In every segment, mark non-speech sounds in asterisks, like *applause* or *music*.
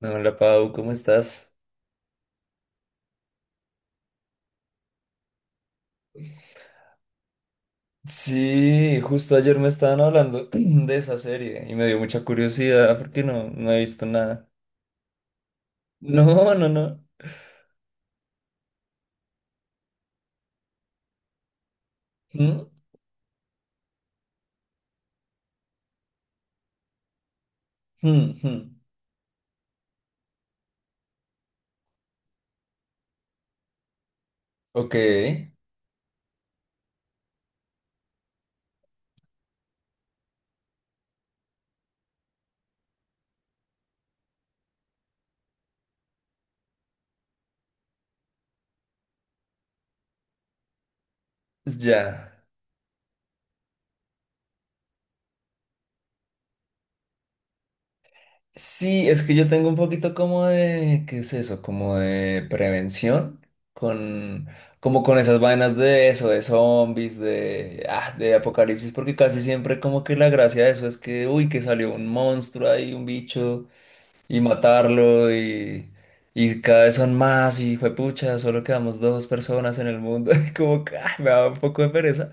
Hola Pau, ¿cómo estás? Sí, justo ayer me estaban hablando *clears throat* de esa serie y me dio mucha curiosidad porque no he visto nada. No, no, no. Mm, mm. Ok, ya. Sí, es que yo tengo un poquito como de, ¿qué es eso? Como de prevención con, como con esas vainas de eso, de zombies, de, ah, de apocalipsis, porque casi siempre como que la gracia de eso es que, uy, que salió un monstruo ahí, un bicho. Y matarlo y cada vez son más y juepucha, solo quedamos dos personas en el mundo. *laughs* Y como que ah, me da un poco de pereza.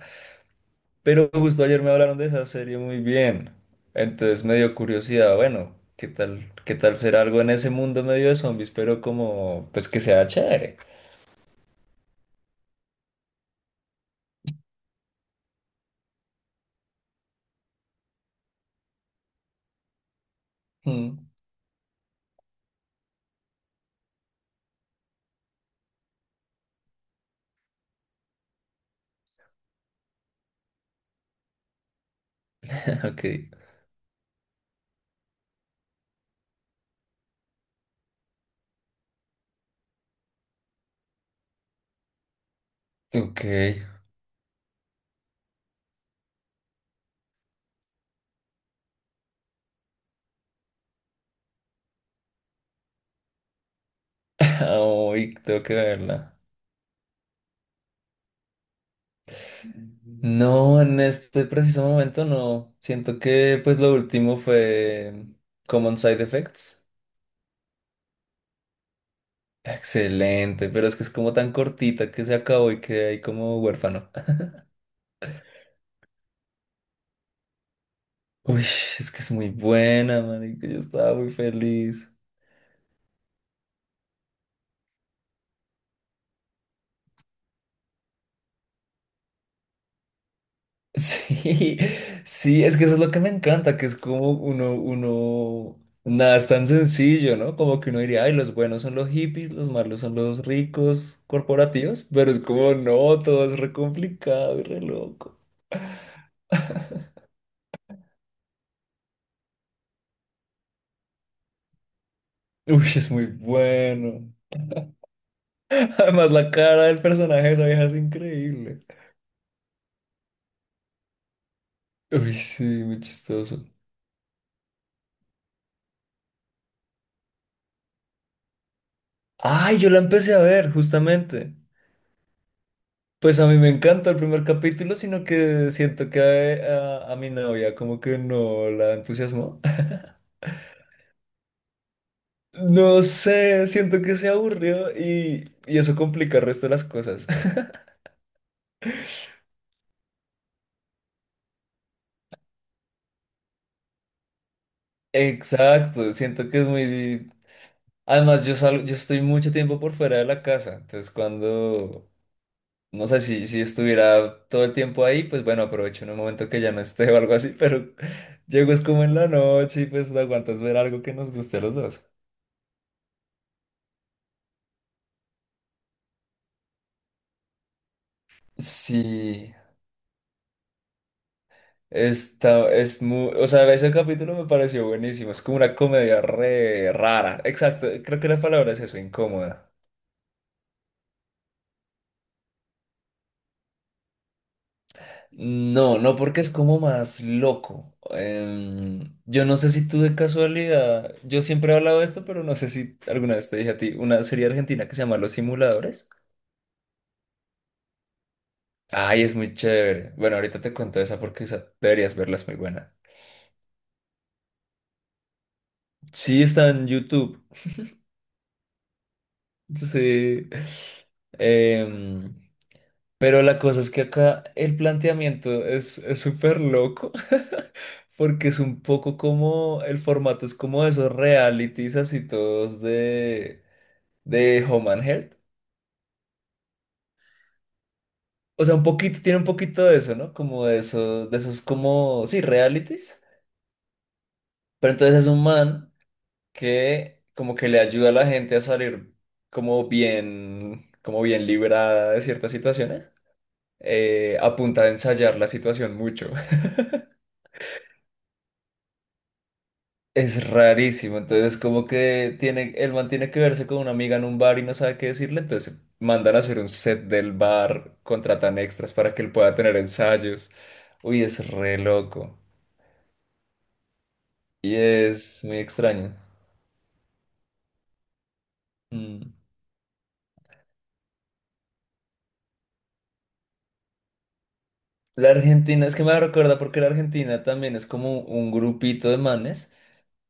Pero justo ayer me hablaron de esa serie muy bien. Entonces me dio curiosidad, bueno, qué tal será algo en ese mundo medio de zombies? Pero como, pues que sea chévere. Mm. *laughs* Ok, ok. *laughs* Uy, tengo que verla. No, en este preciso momento no. Siento que pues lo último fue Common Side Effects. Excelente, pero es que es como tan cortita que se acabó y que hay como huérfano. *laughs* Uy, es que es muy buena, marica, yo estaba muy feliz. *laughs* Sí, sí, es que eso es lo que me encanta, que es como uno, nada, es tan sencillo, ¿no? Como que uno diría, ay, los buenos son los hippies, los malos son los ricos corporativos, pero es como, no, todo es re complicado y re loco. Uy, es muy bueno. *laughs* Además, la cara del personaje de esa vieja es increíble. Uy, sí, muy chistoso. Ay, yo la empecé a ver, justamente. Pues a mí me encanta el primer capítulo, sino que siento que a mi novia como que no la entusiasmó. *laughs* No sé, siento que se aburrió y eso complica el resto de las cosas. *laughs* Exacto, siento que es muy... di- Además, yo salgo, yo estoy mucho tiempo por fuera de la casa, entonces cuando no sé si estuviera todo el tiempo ahí, pues bueno, aprovecho en un momento que ya no esté o algo así, pero *laughs* llego es como en la noche y pues no aguantas ver algo que nos guste a los dos. Sí, está, es muy, o sea, ese capítulo me pareció buenísimo, es como una comedia re rara, exacto, creo que la palabra es eso, incómoda. No, no, porque es como más loco. Em, yo no sé si tú de casualidad, yo siempre he hablado de esto, pero no sé si alguna vez te dije a ti, una serie argentina que se llama Los Simuladores. Ay, es muy chévere. Bueno, ahorita te cuento esa porque esa deberías verla, es muy buena. Sí, está en YouTube. Sí. Em, pero la cosa es que acá el planteamiento es súper loco. *laughs* Porque es un poco como el formato es como de esos realities así todos de Home and Health. O sea, un poquito, tiene un poquito de eso, ¿no? Como de eso, de esos como, sí, realities. Pero entonces es un man que como que le ayuda a la gente a salir como bien librada de ciertas situaciones, a punta de ensayar la situación mucho. *laughs* Es rarísimo, entonces como que tiene, el man tiene que verse con una amiga en un bar y no sabe qué decirle, entonces mandan a hacer un set del bar, contratan extras para que él pueda tener ensayos. Uy, es re loco y es muy extraño. Mm. La Argentina, es que me recuerda porque la Argentina también es como un grupito de manes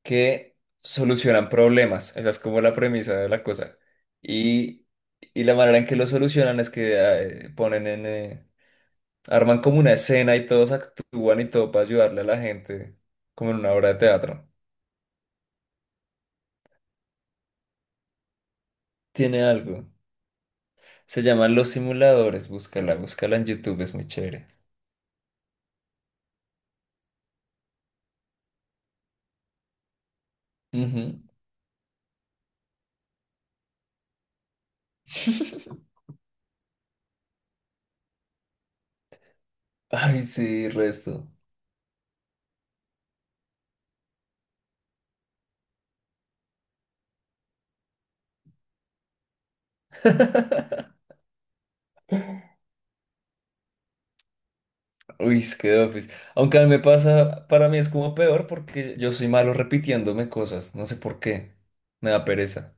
que solucionan problemas. Esa es como la premisa de la cosa. Y, y la manera en que lo solucionan es que ponen en... arman como una escena y todos actúan y todo para ayudarle a la gente, como en una obra de teatro. Tiene algo. Se llaman Los Simuladores. Búscala, búscala en YouTube, es muy chévere. Ujú. *laughs* Ay, sí, resto. *laughs* Uy, es que The Office. Aunque a mí me pasa, para mí es como peor porque yo soy malo repitiéndome cosas, no sé por qué, me da pereza.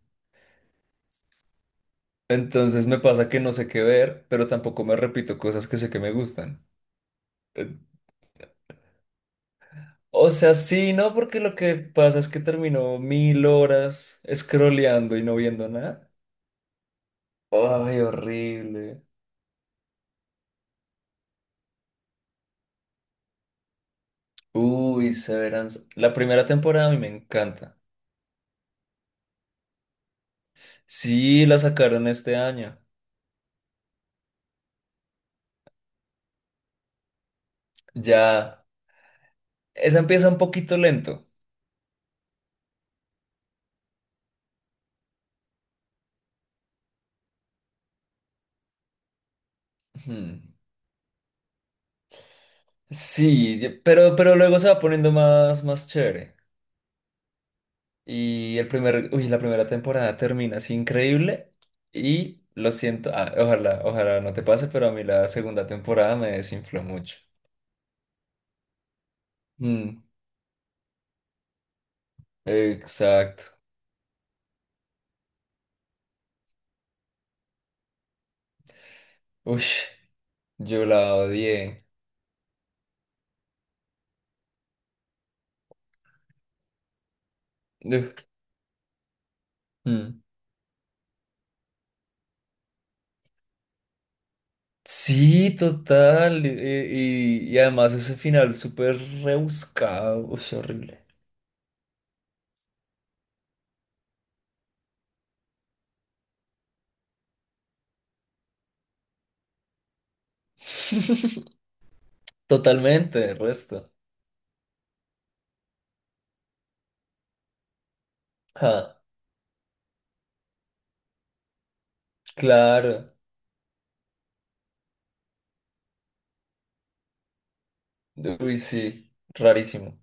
Entonces me pasa que no sé qué ver, pero tampoco me repito cosas que sé que me gustan. Eh, O sea, sí, no, porque lo que pasa es que termino mil horas scrolleando y no viendo nada. Ay, horrible. Uy, Severance. La primera temporada a mí me encanta. Sí, la sacaron este año. Ya, esa empieza un poquito lento. Hmm. Sí, yo- pero luego se va poniendo más, más chévere. Y el primer, uy, la primera temporada termina así increíble. Y lo siento, ah, ojalá, ojalá no te pase, pero a mí la segunda temporada me desinfló mucho. Mm, exacto. Uy, yo la odié. Uf, mm. Sí, total. Y además ese final súper rebuscado. Uy, horrible. *laughs* Totalmente, el resto. Ah, claro. Uy, sí, rarísimo.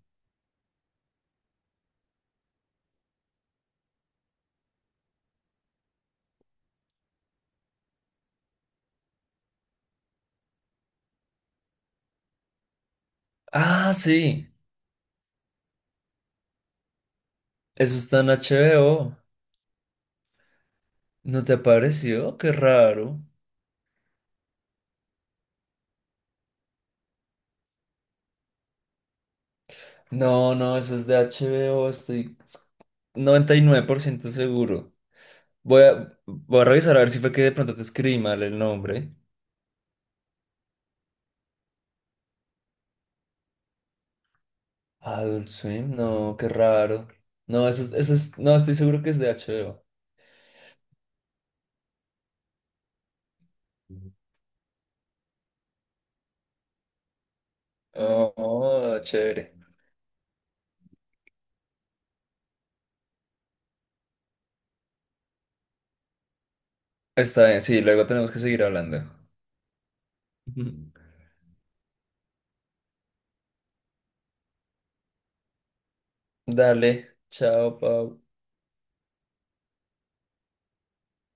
Ah, sí, eso está en HBO. ¿No te apareció? Qué raro. No, no, eso es de HBO, estoy 99% seguro. Voy a, voy a revisar a ver si fue que de pronto te escribí mal el nombre. Adult Swim, no, qué raro. No, eso es, no, estoy seguro que es de HBO. Oh, oh, chévere. Está bien, sí, luego tenemos que seguir hablando. *laughs* Dale, chao, Pau.